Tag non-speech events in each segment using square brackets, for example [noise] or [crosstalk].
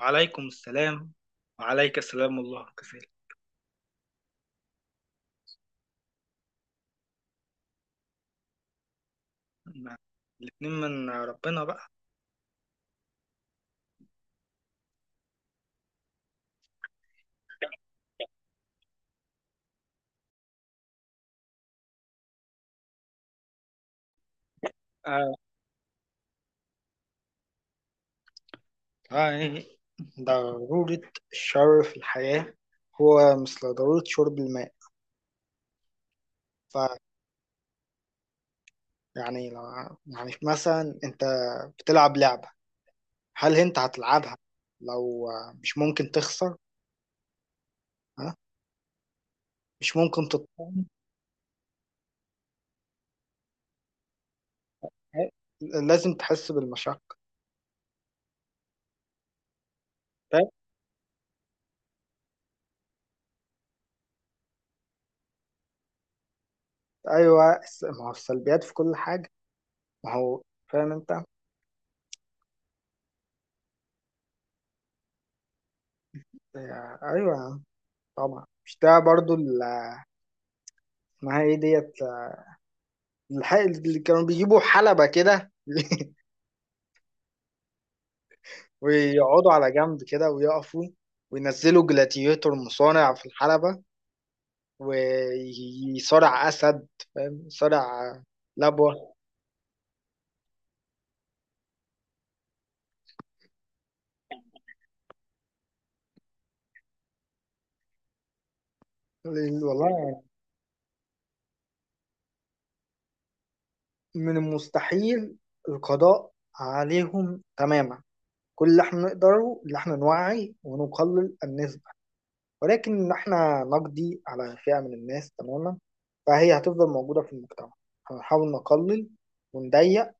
وعليكم السلام. وعليك السلام، الله كفيل. ما- الاتنين من ربنا بقى. آه. آه. ضرورة الشر في الحياة هو مثل ضرورة شرب الماء. فيعني لو يعني مثلا انت بتلعب لعبة، هل انت هتلعبها لو مش ممكن تخسر؟ ها، مش ممكن تطعم. لازم تحس بالمشقة. فاهم؟ ايوه، ما هو السلبيات في كل حاجة. ما هو فاهم انت. ايوه، طبعا. مش ده برضو اسمها ايه ديت الحق اللي كانوا بيجيبوا حلبة كده، [laughs] ويقعدوا على جنب كده ويقفوا، وينزلوا جلاديتور مصارع في الحلبة، ويصارع أسد. فاهم؟ يصارع لبوة. والله يعني من المستحيل القضاء عليهم تماما. كل اللي احنا نقدره اللي احنا نوعي ونقلل النسبة، ولكن إن احنا نقضي على فئة من الناس تماما، فهي هتفضل موجودة في المجتمع. هنحاول نقلل ونضيق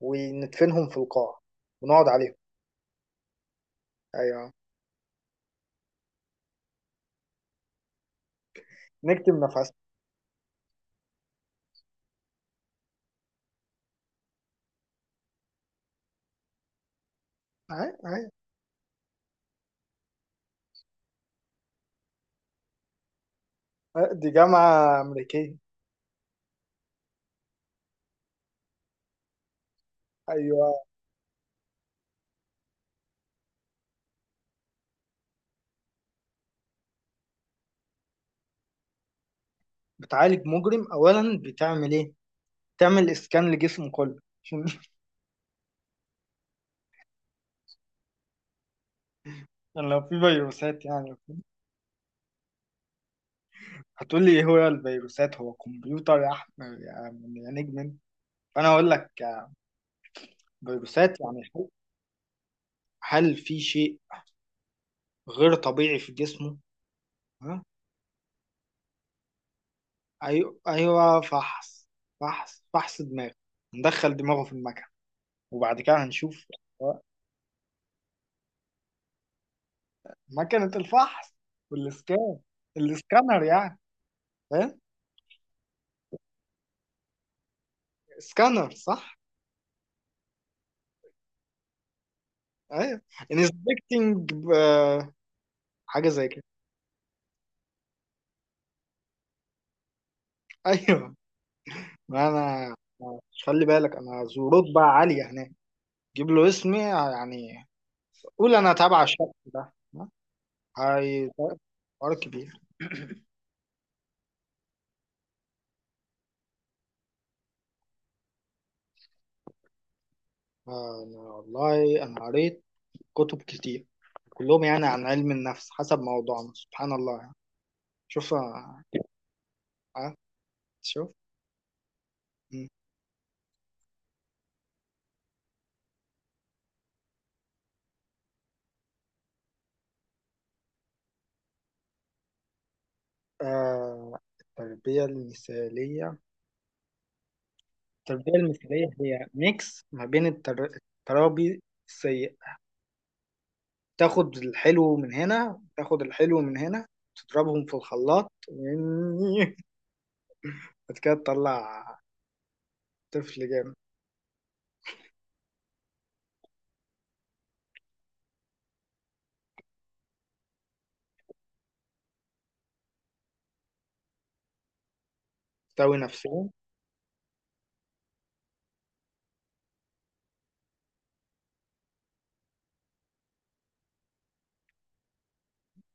وندفنهم في القاع، ونقعد عليهم. ايوه، نكتم نفسنا. أي. دي جامعة أمريكية. ايوه. بتعالج مجرم اولا بتعمل ايه؟ تعمل اسكان لجسمه كله عشان. [laughs] لو في فيروسات يعني، هتقول لي: ايه هو الفيروسات؟ هو كمبيوتر يا احمد، يا نجم أنت. فانا اقول لك: فيروسات يعني، هل في شيء غير طبيعي في جسمه؟ ها. ايوه ايوه، فحص، فحص فحص دماغ، ندخل دماغه في المكنه، وبعد كده هنشوف. مكنه الفحص والاسكان، الاسكانر يعني. فاهم؟ سكانر، صح. ايوه، انسبكتنج، حاجه زي كده. [laughs] ايوه، ما انا خلي بالك انا ذو رتبه عاليه هناك. جيب له اسمي يعني، قول انا تابع الشخص ده. ها؟ هاي فرق كبير. انا والله انا قريت كتب كتير، كلهم يعني عن علم النفس حسب موضوعنا، سبحان الله يعني. شوف، آه، شوف. مم. آه، التربية المثالية. التربية المثالية هي ميكس ما بين الترابي السيء. تاخد الحلو من هنا، تاخد الحلو من هنا، تضربهم في الخلاط، [laughs] بعد كده تطلع طفل جامد. تساوي نفسهم.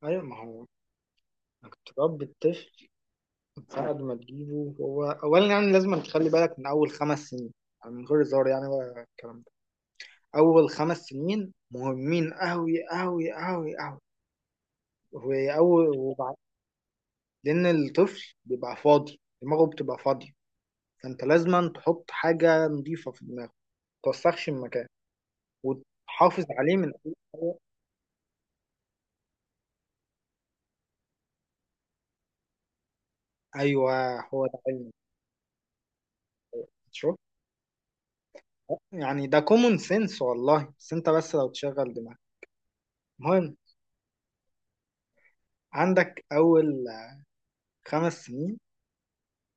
ايوه، ما هو انك تربي الطفل بعد ما تجيبه، هو اولا يعني لازم تخلي بالك من اول 5 سنين. يعني من غير هزار يعني، ولا الكلام ده. اول 5 سنين مهمين قوي قوي قوي قوي. واول وبع- لان الطفل بيبقى فاضي، دماغه بتبقى فاضيه، فانت لازم تحط حاجه نظيفه في دماغه، ما توسخش المكان، وتحافظ عليه من أول- ايوه، هو ده علمي. شوف، يعني ده كومون سنس والله، بس انت بس لو تشغل دماغك. المهم، عندك اول 5 سنين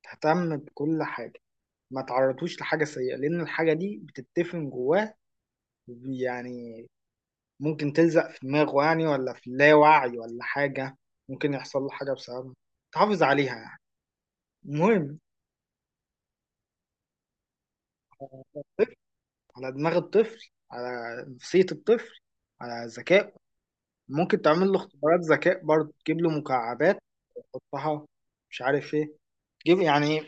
تهتم بكل حاجة، ما تعرضوش لحاجة سيئة، لأن الحاجة دي بتتفن جواه يعني، ممكن تلزق في دماغه يعني، ولا في اللاوعي ولا حاجة، ممكن يحصل له حاجة بسببها. تحافظ عليها يعني. المهم، على الطفل- على دماغ الطفل، على نفسية الطفل، على ذكائه. ممكن تعمل له اختبارات ذكاء برضه، تجيب له مكعبات، تحطها، مش عارف ايه تجيب يعني.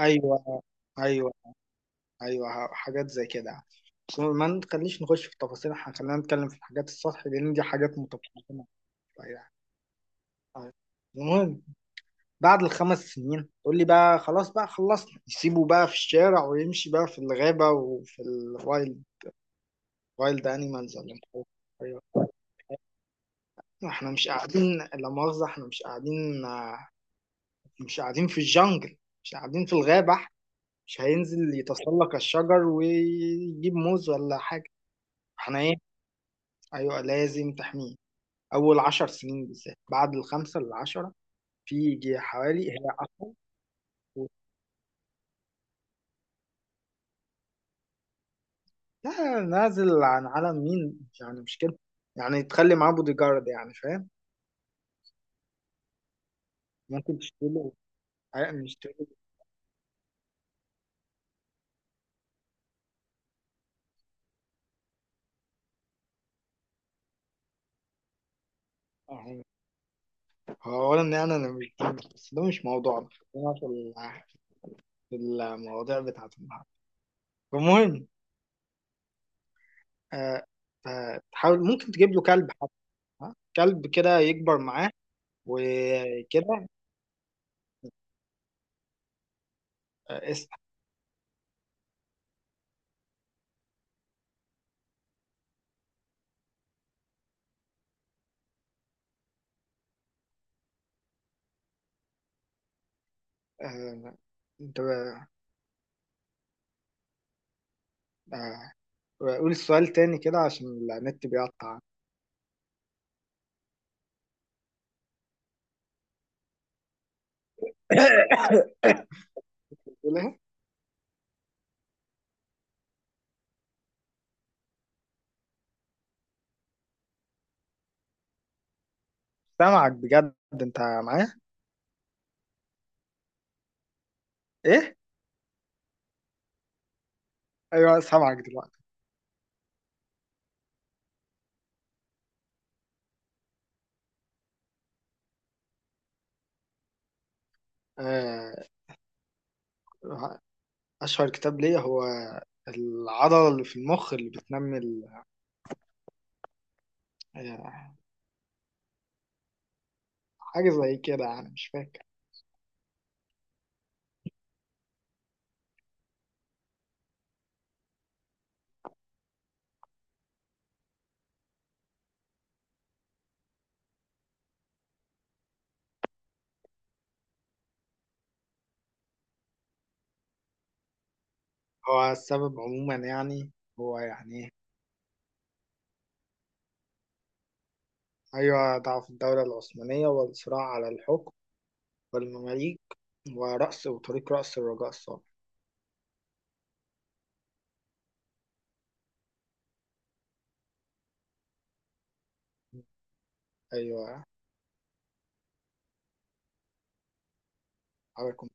ايوه، ايوه، ايوه، حاجات زي كده. ما نخليش نخش في تفاصيل، إحنا خلينا نتكلم في الحاجات السطح، لان دي حاجات متقدمه شوية. طيب. المهم، بعد الـ5 سنين تقول لي بقى خلاص بقى خلصنا، يسيبه بقى في الشارع ويمشي بقى في الغابه وفي الوايلد، وايلد انيمالز ولا مش عارف. ايوه، احنا مش قاعدين، لا مؤاخذه احنا مش قاعدين، مش قاعدين في الجنجل، مش قاعدين في الغابه إحنا، مش هينزل يتسلق الشجر ويجيب موز ولا حاجه. احنا ايه؟ ايوه، لازم تحميه. اول 10 سنين بالذات، بعد الـ5 للـ10، في يجي حوالي هي اصلا و- لا، نازل عن عالم مين يعني؟ مش كده، يعني تخلي معاه بودي جارد يعني. فاهم؟ ممكن تشتري له، حقيقة مش تشتري له. أهو. هو اولا يعني انا مش، بس ده مش موضوعنا. خلينا في المواضيع بتاعت النهارده. المهم، آه، تحاول ممكن تجيب له كلب حتى. ها؟ كلب كده يكبر معاه وكده. آه، اسمع. آه، انت، آه، قول السؤال تاني كده عشان النت بيقطع. [coughs] تقول ايه؟ سامعك بجد، انت معايا؟ ايه؟ ايوه، سامعك دلوقتي. آه، اشهر كتاب ليا هو العضله اللي في المخ اللي بتنمي آه، حاجه زي كده يعني، مش فاكر. هو السبب عموما يعني هو يعني إيه؟ ايوه، ضعف الدوله العثمانيه، والصراع على الحكم، والمماليك، وطريق رأس الرجاء الصالح. ايوه، حاجه.